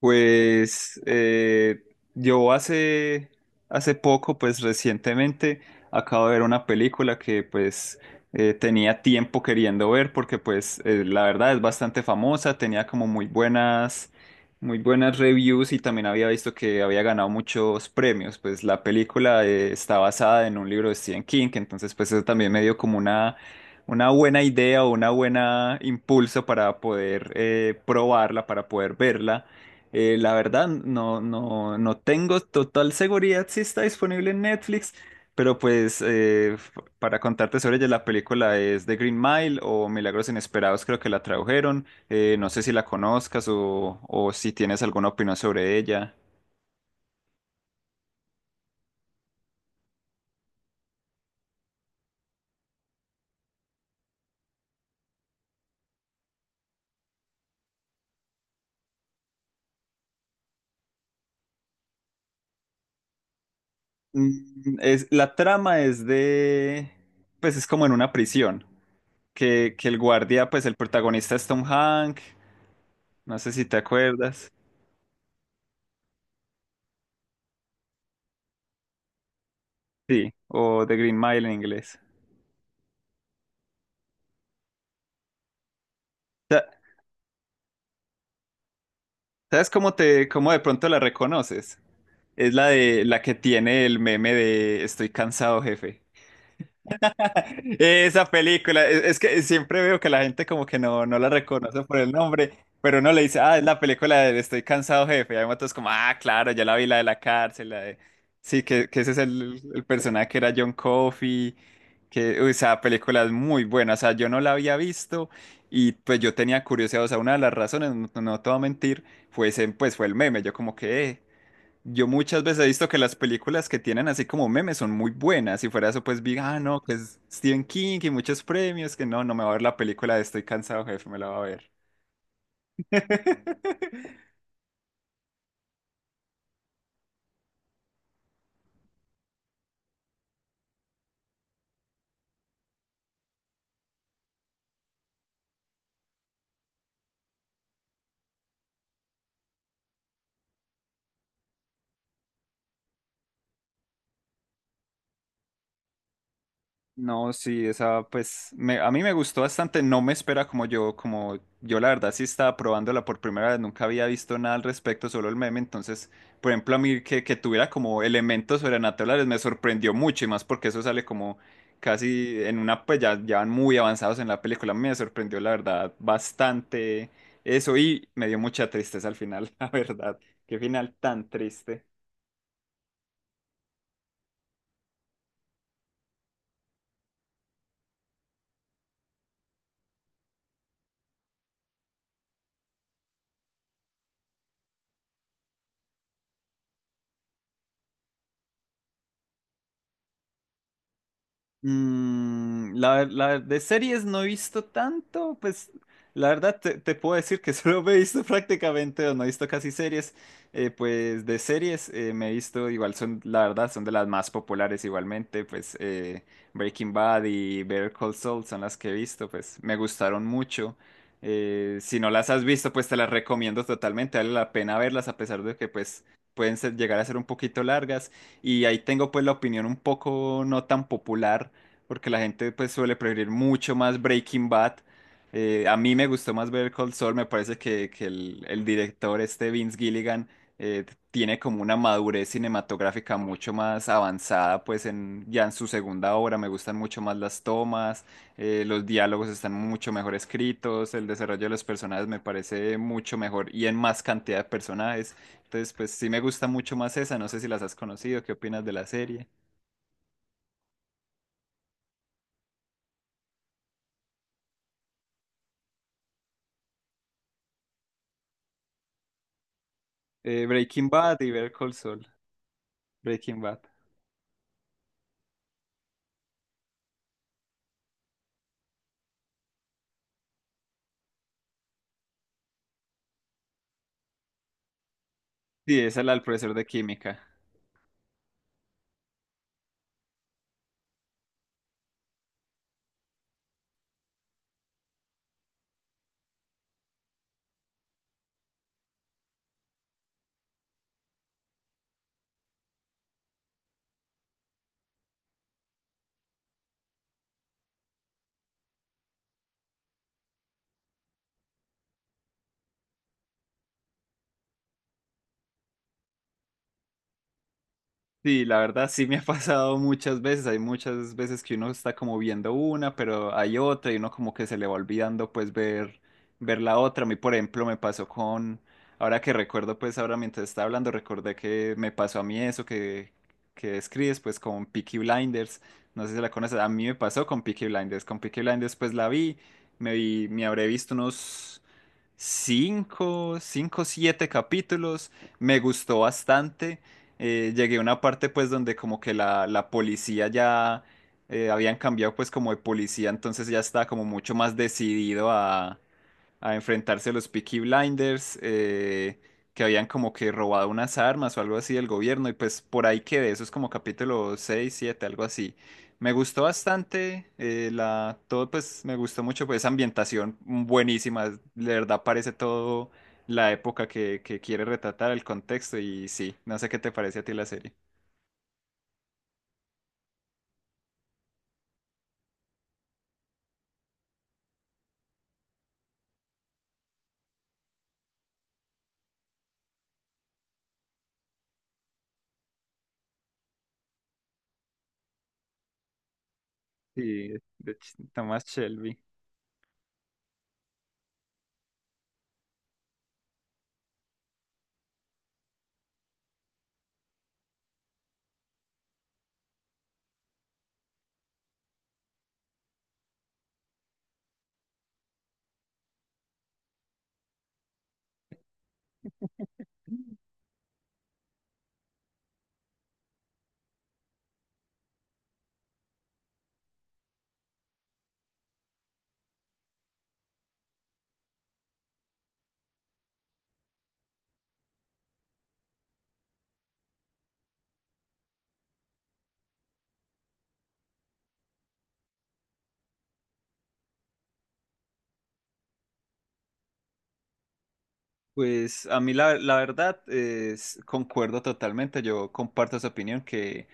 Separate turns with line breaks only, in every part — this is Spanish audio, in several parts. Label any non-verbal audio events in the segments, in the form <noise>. Pues eh, yo hace, hace poco, pues recientemente, acabo de ver una película que tenía tiempo queriendo ver porque la verdad es bastante famosa, tenía como muy buenas reviews y también había visto que había ganado muchos premios. Pues la película está basada en un libro de Stephen King, entonces pues eso también me dio como una buena idea o una buena impulso para poder probarla, para poder verla. La verdad, no, no, no tengo total seguridad si está disponible en Netflix, pero para contarte sobre ella, la película es The Green Mile o Milagros Inesperados, creo que la tradujeron. No sé si la conozcas o si tienes alguna opinión sobre ella. Mm, es, la trama es de, pues es como en una prisión, que el guardia, pues el protagonista es Tom Hanks, no sé si te acuerdas, sí, o The Green Mile en inglés. ¿Sabes cómo te, cómo de pronto la reconoces? Es la de la que tiene el meme de Estoy cansado, jefe. Esa película, es que siempre veo que la gente como que no, no la reconoce por el nombre, pero uno le dice, ah, es la película de Estoy cansado, jefe. Y hay otros como, ah, claro, ya la vi, la de la cárcel, la de... Sí, que ese es el personaje que era John Coffey, que, uy, esa película es muy buena, o sea, yo no la había visto y pues yo tenía curiosidad, o sea, una de las razones, no, no te voy a mentir, fue ese, pues fue el meme, yo como que... yo muchas veces he visto que las películas que tienen así como memes son muy buenas. Si fuera eso, pues vi, ah, no, que es Stephen King y muchos premios, que no, no me va a ver la película de Estoy cansado, jefe, me la va a ver. <laughs> No, sí, esa pues a mí me gustó bastante, no me espera como yo la verdad sí estaba probándola por primera vez, nunca había visto nada al respecto, solo el meme, entonces, por ejemplo, a mí que tuviera como elementos sobrenaturales me sorprendió mucho y más porque eso sale como casi en una, pues ya, ya van muy avanzados en la película, a mí me sorprendió la verdad bastante eso y me dio mucha tristeza al final, <laughs> la verdad, qué final tan triste. Mm, la, de series no he visto tanto, pues la verdad te, te puedo decir que <laughs> solo me he visto prácticamente, o no he visto casi series, pues de series me he visto, igual son, la verdad, son de las más populares igualmente, Breaking Bad y Better Call Saul son las que he visto, pues me gustaron mucho. Si no las has visto, pues te las recomiendo totalmente, vale la pena verlas a pesar de que llegar a ser un poquito largas y ahí tengo pues la opinión un poco no tan popular porque la gente pues suele preferir mucho más Breaking Bad. A mí me gustó más ver Cold Soul, me parece que el director este Vince Gilligan eh, tiene como una madurez cinematográfica mucho más avanzada, pues en, ya en su segunda obra me gustan mucho más las tomas, los diálogos están mucho mejor escritos, el desarrollo de los personajes me parece mucho mejor y en más cantidad de personajes. Entonces, pues sí me gusta mucho más esa, no sé si las has conocido, ¿qué opinas de la serie? Breaking Bad y ver Cold Soul. Breaking Bad. Sí, es el al profesor de química. Sí, la verdad sí me ha pasado muchas veces. Hay muchas veces que uno está como viendo una, pero hay otra y uno como que se le va olvidando ver la otra. A mí, por ejemplo, ahora que recuerdo pues ahora mientras estaba hablando, recordé que me pasó a mí eso que describes pues con Peaky Blinders. No sé si la conoces, a mí me pasó con Peaky Blinders. Con Peaky Blinders pues la vi, me habré visto unos... Cinco, cinco, siete capítulos, me gustó bastante, llegué a una parte pues donde como que la policía ya habían cambiado pues como de policía, entonces ya estaba como mucho más decidido a enfrentarse a los Peaky Blinders, que habían como que robado unas armas o algo así del gobierno, y pues por ahí quedé, eso es como capítulo 6 7 algo así. Me gustó bastante, la, todo pues me gustó mucho, pues esa ambientación buenísima, de verdad parece todo la época que quiere retratar, el contexto y sí, no sé qué te parece a ti la serie. Sí, Thomas Shelby. Pues a mí la, la verdad es, concuerdo totalmente, yo comparto esa opinión que...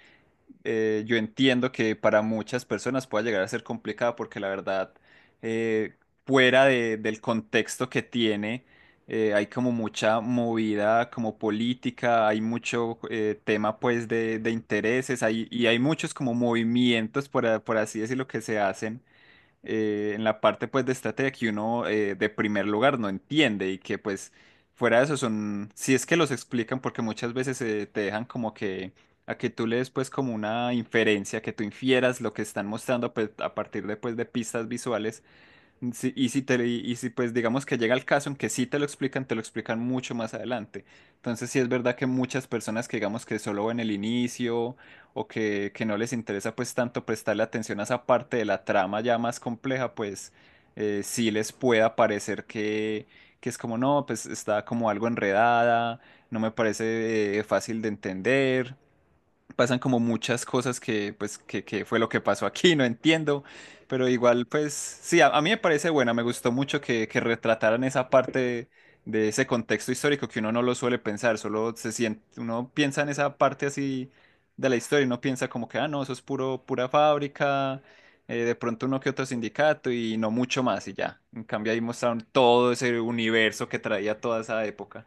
yo entiendo que para muchas personas pueda llegar a ser complicada porque la verdad, eh, fuera del contexto que tiene, hay como mucha movida como política, hay mucho tema pues de intereses hay, y hay muchos como movimientos, por así decirlo, que se hacen en la parte pues de estrategia que uno de primer lugar no entiende y que pues fuera de eso son, si es que los explican porque muchas veces te dejan como que a que tú le des pues como una inferencia, que tú infieras lo que están mostrando pues, a partir de pues de pistas visuales. Sí, y si te, y si pues digamos que llega el caso en que sí te lo explican mucho más adelante. Entonces sí es verdad que muchas personas que digamos que solo ven el inicio o que no les interesa pues tanto prestarle atención a esa parte de la trama ya más compleja, pues sí les pueda parecer que es como no, pues está como algo enredada, no me parece fácil de entender, pasan como muchas cosas que, pues, que fue lo que pasó aquí, <laughs> no entiendo, pero igual, pues, sí, a mí me parece buena, me gustó mucho que retrataran esa parte de, ese contexto histórico que uno no lo suele pensar, solo se siente, uno piensa en esa parte así de la historia, y uno piensa como que, ah, no, eso es puro, pura fábrica, de pronto uno que otro sindicato y no mucho más y ya. En cambio ahí mostraron todo ese universo que traía toda esa época.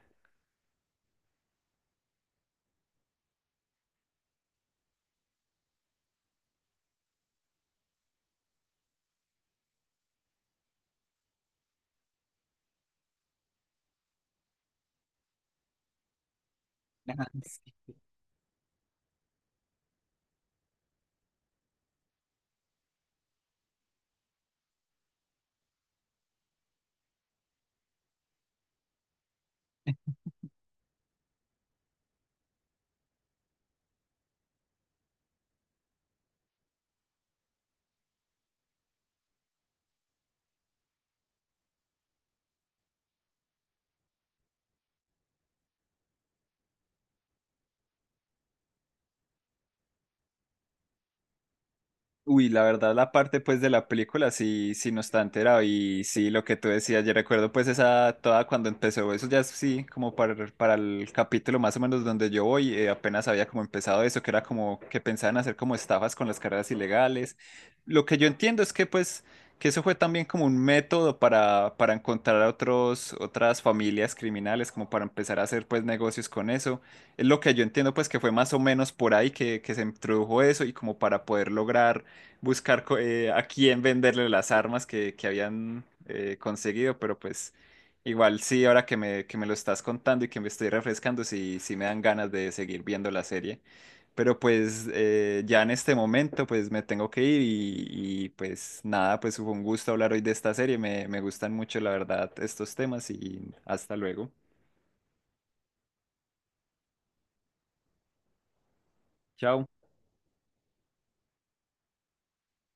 Uy, la verdad, la parte pues de la película sí, sí no está enterado y sí, lo que tú decías, yo recuerdo pues esa toda cuando empezó, eso ya es, sí, como para el capítulo más o menos donde yo voy, apenas había como empezado eso, que era como que pensaban hacer como estafas con las carreras ilegales. Lo que yo entiendo es que pues que eso fue también como un método para encontrar a otros, otras familias criminales, como para empezar a hacer pues negocios con eso. Es lo que yo entiendo pues que fue más o menos por ahí que se introdujo eso y como para poder lograr a quién venderle las armas que habían conseguido, pero pues igual sí, ahora que me lo estás contando y que me estoy refrescando, sí, sí me dan ganas de seguir viendo la serie. Pero ya en este momento pues me tengo que ir y, pues nada, pues fue un gusto hablar hoy de esta serie, me gustan mucho la verdad estos temas y hasta luego. Chao.